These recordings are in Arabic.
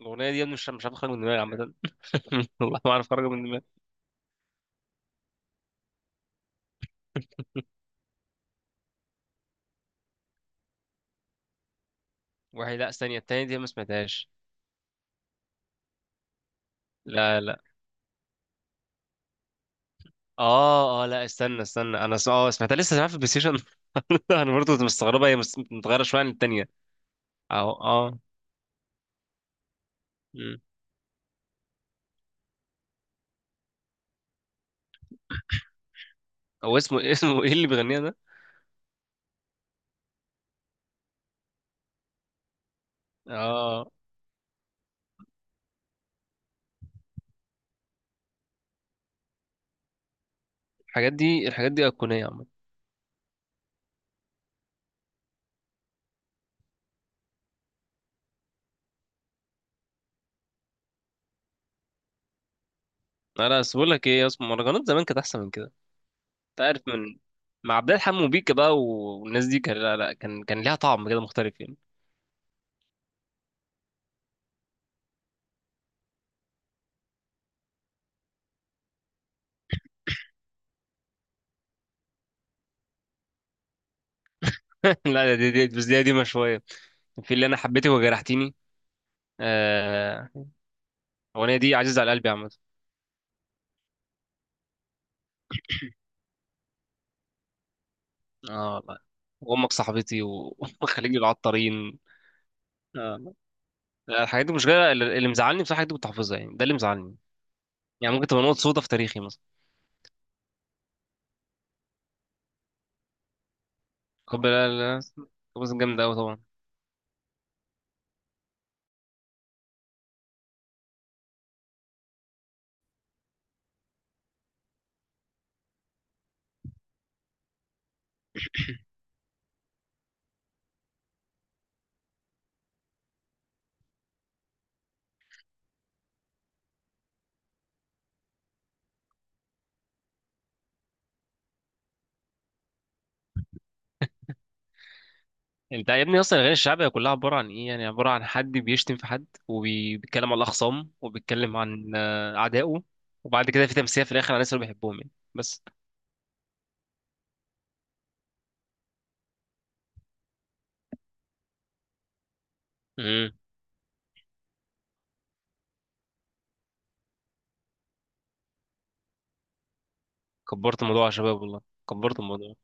الاغنيه دي يا ابني مش عارف اخرج من دماغي عامه والله ما عارف اخرج من دماغي. وحي لا استني، التانية دي ما سمعتهاش. لا. اه. لا، استنى استنى، انا س... اه سمعتها، لسه سمعتها في البلاي ستيشن. انا برضه كنت مستغربها، هي متغيره شويه عن التانية. اهو اه. مم. هو اسمه ايه اللي بيغنيها ده؟ اه، الحاجات دي، الحاجات دي ايقونيه عامه. انا بس بقول لك ايه اسمه، مهرجانات زمان كانت احسن من كده. انت عارف، من مع عبد الحليم وبيكا بقى والناس دي، كان لا كان، كان ليها طعم كده مختلف يعني. لا دي بس، دي قديمة شوية. في اللي أنا حبيتك وجرحتيني. آه، الأغنية دي عزيزة على قلبي عامة. اه والله، وأمك صاحبتي وخليج العطارين. آه. لا، الحاجات دي مش جاية، اللي مزعلني بصراحة، الحاجات دي كنت حافظها يعني، ده اللي مزعلني. يعني ممكن تبقى نقطة سودا في تاريخي مثلا. كوبا لا، بس جامدة أوي طبعا. أنت يا ابني أصلا الأغاني الشعبية كلها عبارة عن إيه؟ يعني عبارة عن حد بيشتم في حد، وبيتكلم على الأخصام، وبيتكلم عن آه، أعدائه، وبعد كده في تمثيل في الآخر على الناس اللي بيحبهم يعني. بس كبرت الموضوع يا شباب والله، كبرت الموضوع.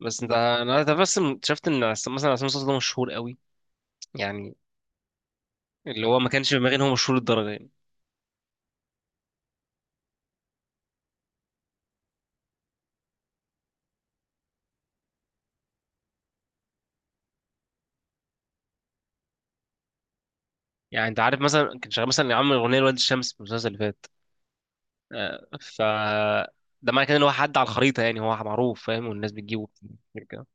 بس انت، أنا بس شفت ان مثلا عصام صاصا ده مشهور قوي يعني، اللي هو ما كانش في دماغي ان هو مشهور للدرجه يعني. يعني انت عارف مثلا كان شغال مثلا عامل اغنيه لواد الشمس في المسلسل اللي فات. آه، ف ده معنى كده ان هو حد على الخريطه، يعني هو معروف فاهم، والناس بتجيبه كده.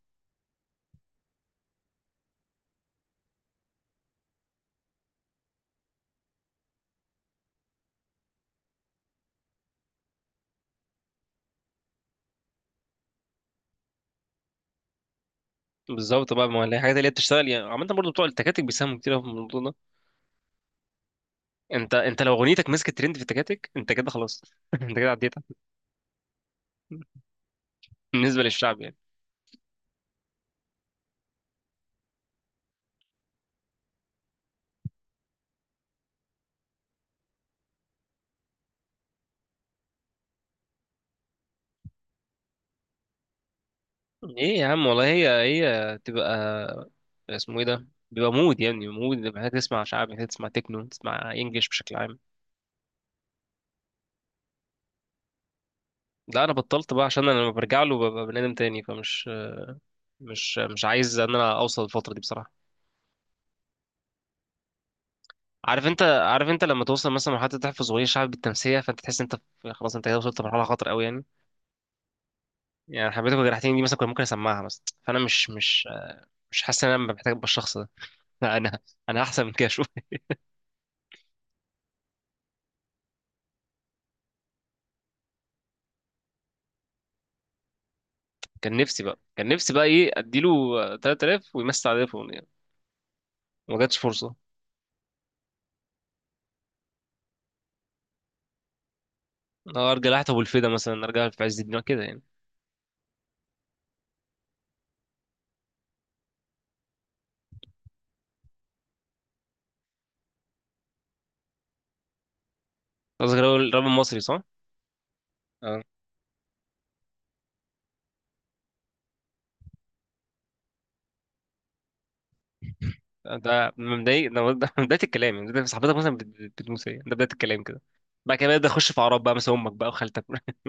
بالظبط بقى، ما هي الحاجات اللي هي بتشتغل يعني، عامه برضه بتوع التكاتك بيساهموا كتير أوي في الموضوع ده. انت لو اغنيتك مسكت ترند في التكاتك، انت كده خلاص. انت كده عديتها، بالنسبه للشعب يعني. ايه يا عم والله، هي هي تبقى اسمه ايه ده، بيبقى مود يعني، مود. محتاج تسمع شعبي، محتاج تسمع تكنو، تسمع انجليش بشكل عام. لا، انا بطلت بقى عشان انا لما برجع له ببقى بني ادم تاني، فمش مش مش عايز ان انا اوصل الفتره دي بصراحه. عارف، انت عارف انت لما توصل مثلا مرحله تحفظ اغنيه شعبي بالتمسيه، فانت تحس انت خلاص انت كده وصلت لمرحله خطر قوي يعني. يعني حبيتك وجرحتني دي مثلا كنت ممكن اسمعها مثلا، فانا مش مش حاسس ان انا محتاج ابقى الشخص ده. انا انا احسن من كده. كان نفسي بقى، كان نفسي بقى ايه، اديله 3000 ويمسي على تليفون يعني. ما جاتش فرصه. أه ارجع لحتى ابو الفدا مثلا، ارجع في عز الدين كده يعني. قصدك الراجل، الراجل المصري، صح؟ اه. ده من بداية، ده من بداية الكلام يعني، ده صاحبتك مثلا بتموت هي، ده بداية الكلام كده. بعد كده بدأت أخش في أعراض بقى، مثلا أمك بقى وخالتك.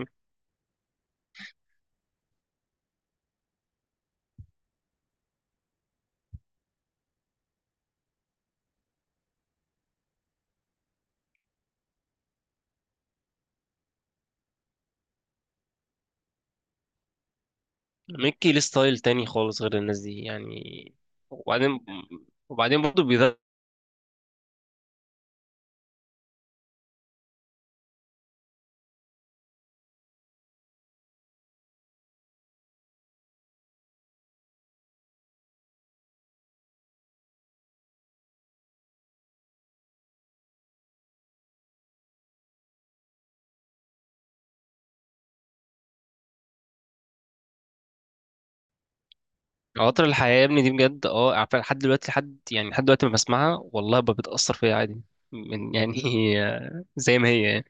ميكي ليه ستايل تاني خالص غير الناس دي يعني. وبعدين، وبعدين برضه، قطر الحياة يا ابني دي بجد، اه عارفة، لحد دلوقتي، لحد يعني لحد دلوقتي ما بسمعها والله بتأثر فيا عادي. من يعني، زي ما هي يعني.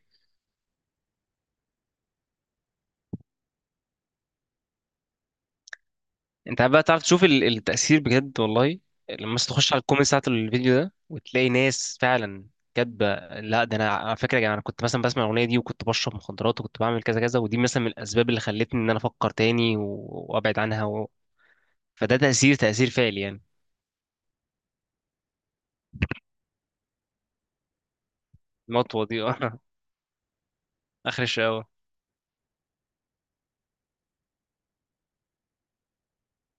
انت عارف بقى، تعرف تشوف التأثير بجد والله. لما بس تخش على الكومنت بتاعت الفيديو ده وتلاقي ناس فعلا كاتبة، لا ده انا على فكرة يا جماعة، انا كنت مثلا بسمع الأغنية دي وكنت بشرب مخدرات وكنت بعمل كذا كذا، ودي مثلا من الأسباب اللي خلتني ان انا افكر تاني وابعد عنها و... فده تأثير، تأثير فعلي يعني. نطوة دي. آه، آخر الشقاوة.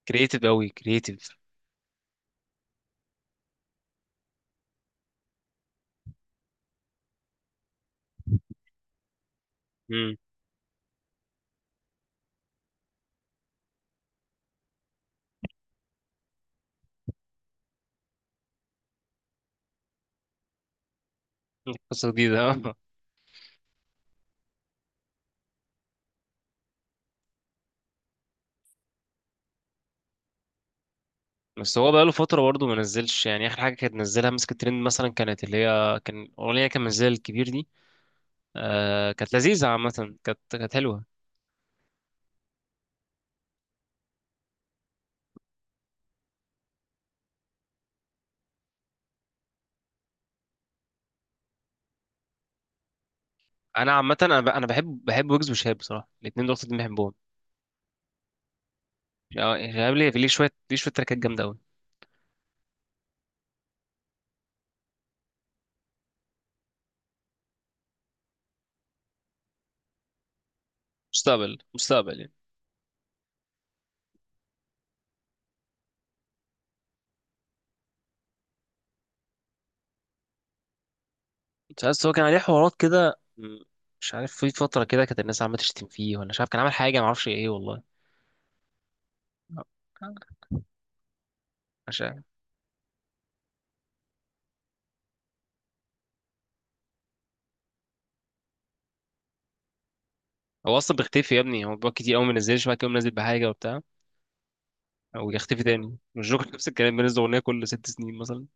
كرييتيف قوي، كرييتيف. امم. قصة جديدة. بس هو بقاله فترة برضه ما نزلش يعني، آخر حاجة كانت نزلها مسكت ترند مثلا، كانت اللي هي كان أغنية كان منزلها الكبير دي. آه كانت لذيذة عامة، كانت كانت حلوة. أنا عامة أنا بحب، بحب ويجز وشهاب بصراحة، الاتنين دول أكتر اتنين بحبهم يعني. شهاب ليه، ليه شوية، ليه شوية تراكات جامدة أوي. مستقبل، مستقبل يعني. مش عارف هو كان عليه حوارات كده، م، مش عارف في فترة كده كانت الناس عمالة تشتم فيه، ولا مش عارف كان عامل حاجة، معرفش إيه والله. مش عارف. هو أصلا بيختفي يا ابني، هو بيقعد كتير أوي منزلش، بعد كده منزل بحاجة وبتاع ويختفي تاني. والجوكر نفس الكلام، بينزل اغنيه كل ست سنين مثلا.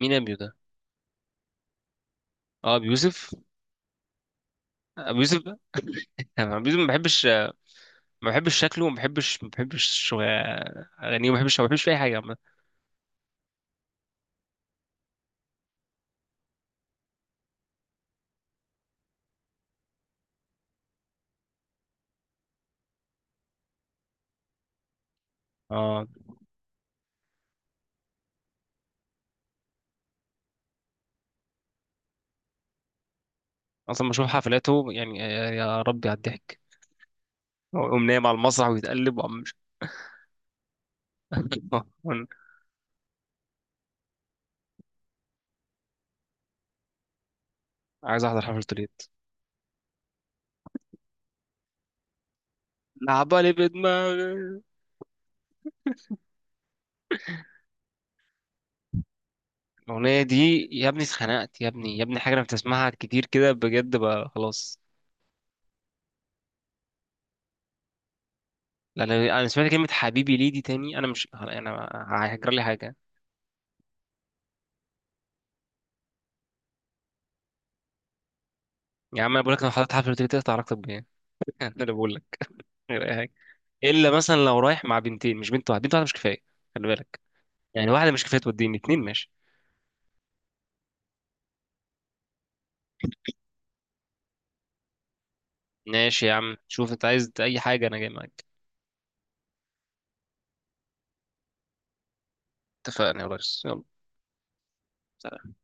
مين ابيو ده؟ اه ابو يوسف. ابو يوسف ده. أنا ابو يوسف ما بحبش، ما بحبش شكله، ما بحبش، اغانيه، ما بحبش، ما بحبش في اي حاجه عامة. اه اصلا ما بشوف حفلاته يعني، يا يا ربي على الضحك، هو يقوم نايم على المسرح ويتقلب وعم مش. عايز احضر حفلته ليت، لعبة لي بدماغي. الأغنية دي يا ابني اتخنقت، يا ابني يا ابني حاجة أنا بتسمعها كتير كده بجد، بقى خلاص لان انا سمعت كلمه حبيبي ليه دي تاني، انا مش، انا هيجرى لي حاجه. يا عم انا بقول لك، انا حضرت حفله قلت تقطع علاقتك بيا. انا اللي بقول لك، غير اي حاجه، الا مثلا لو رايح مع بنتين، مش بنت واحده، بنت واحده مش كفايه، خلي بالك، يعني واحده مش كفايه، توديني اتنين ماشي. ماشي يا عم، شوف انت عايز اي حاجه انا جاي معاك. اتفقنا يا ريس، يلا سلام.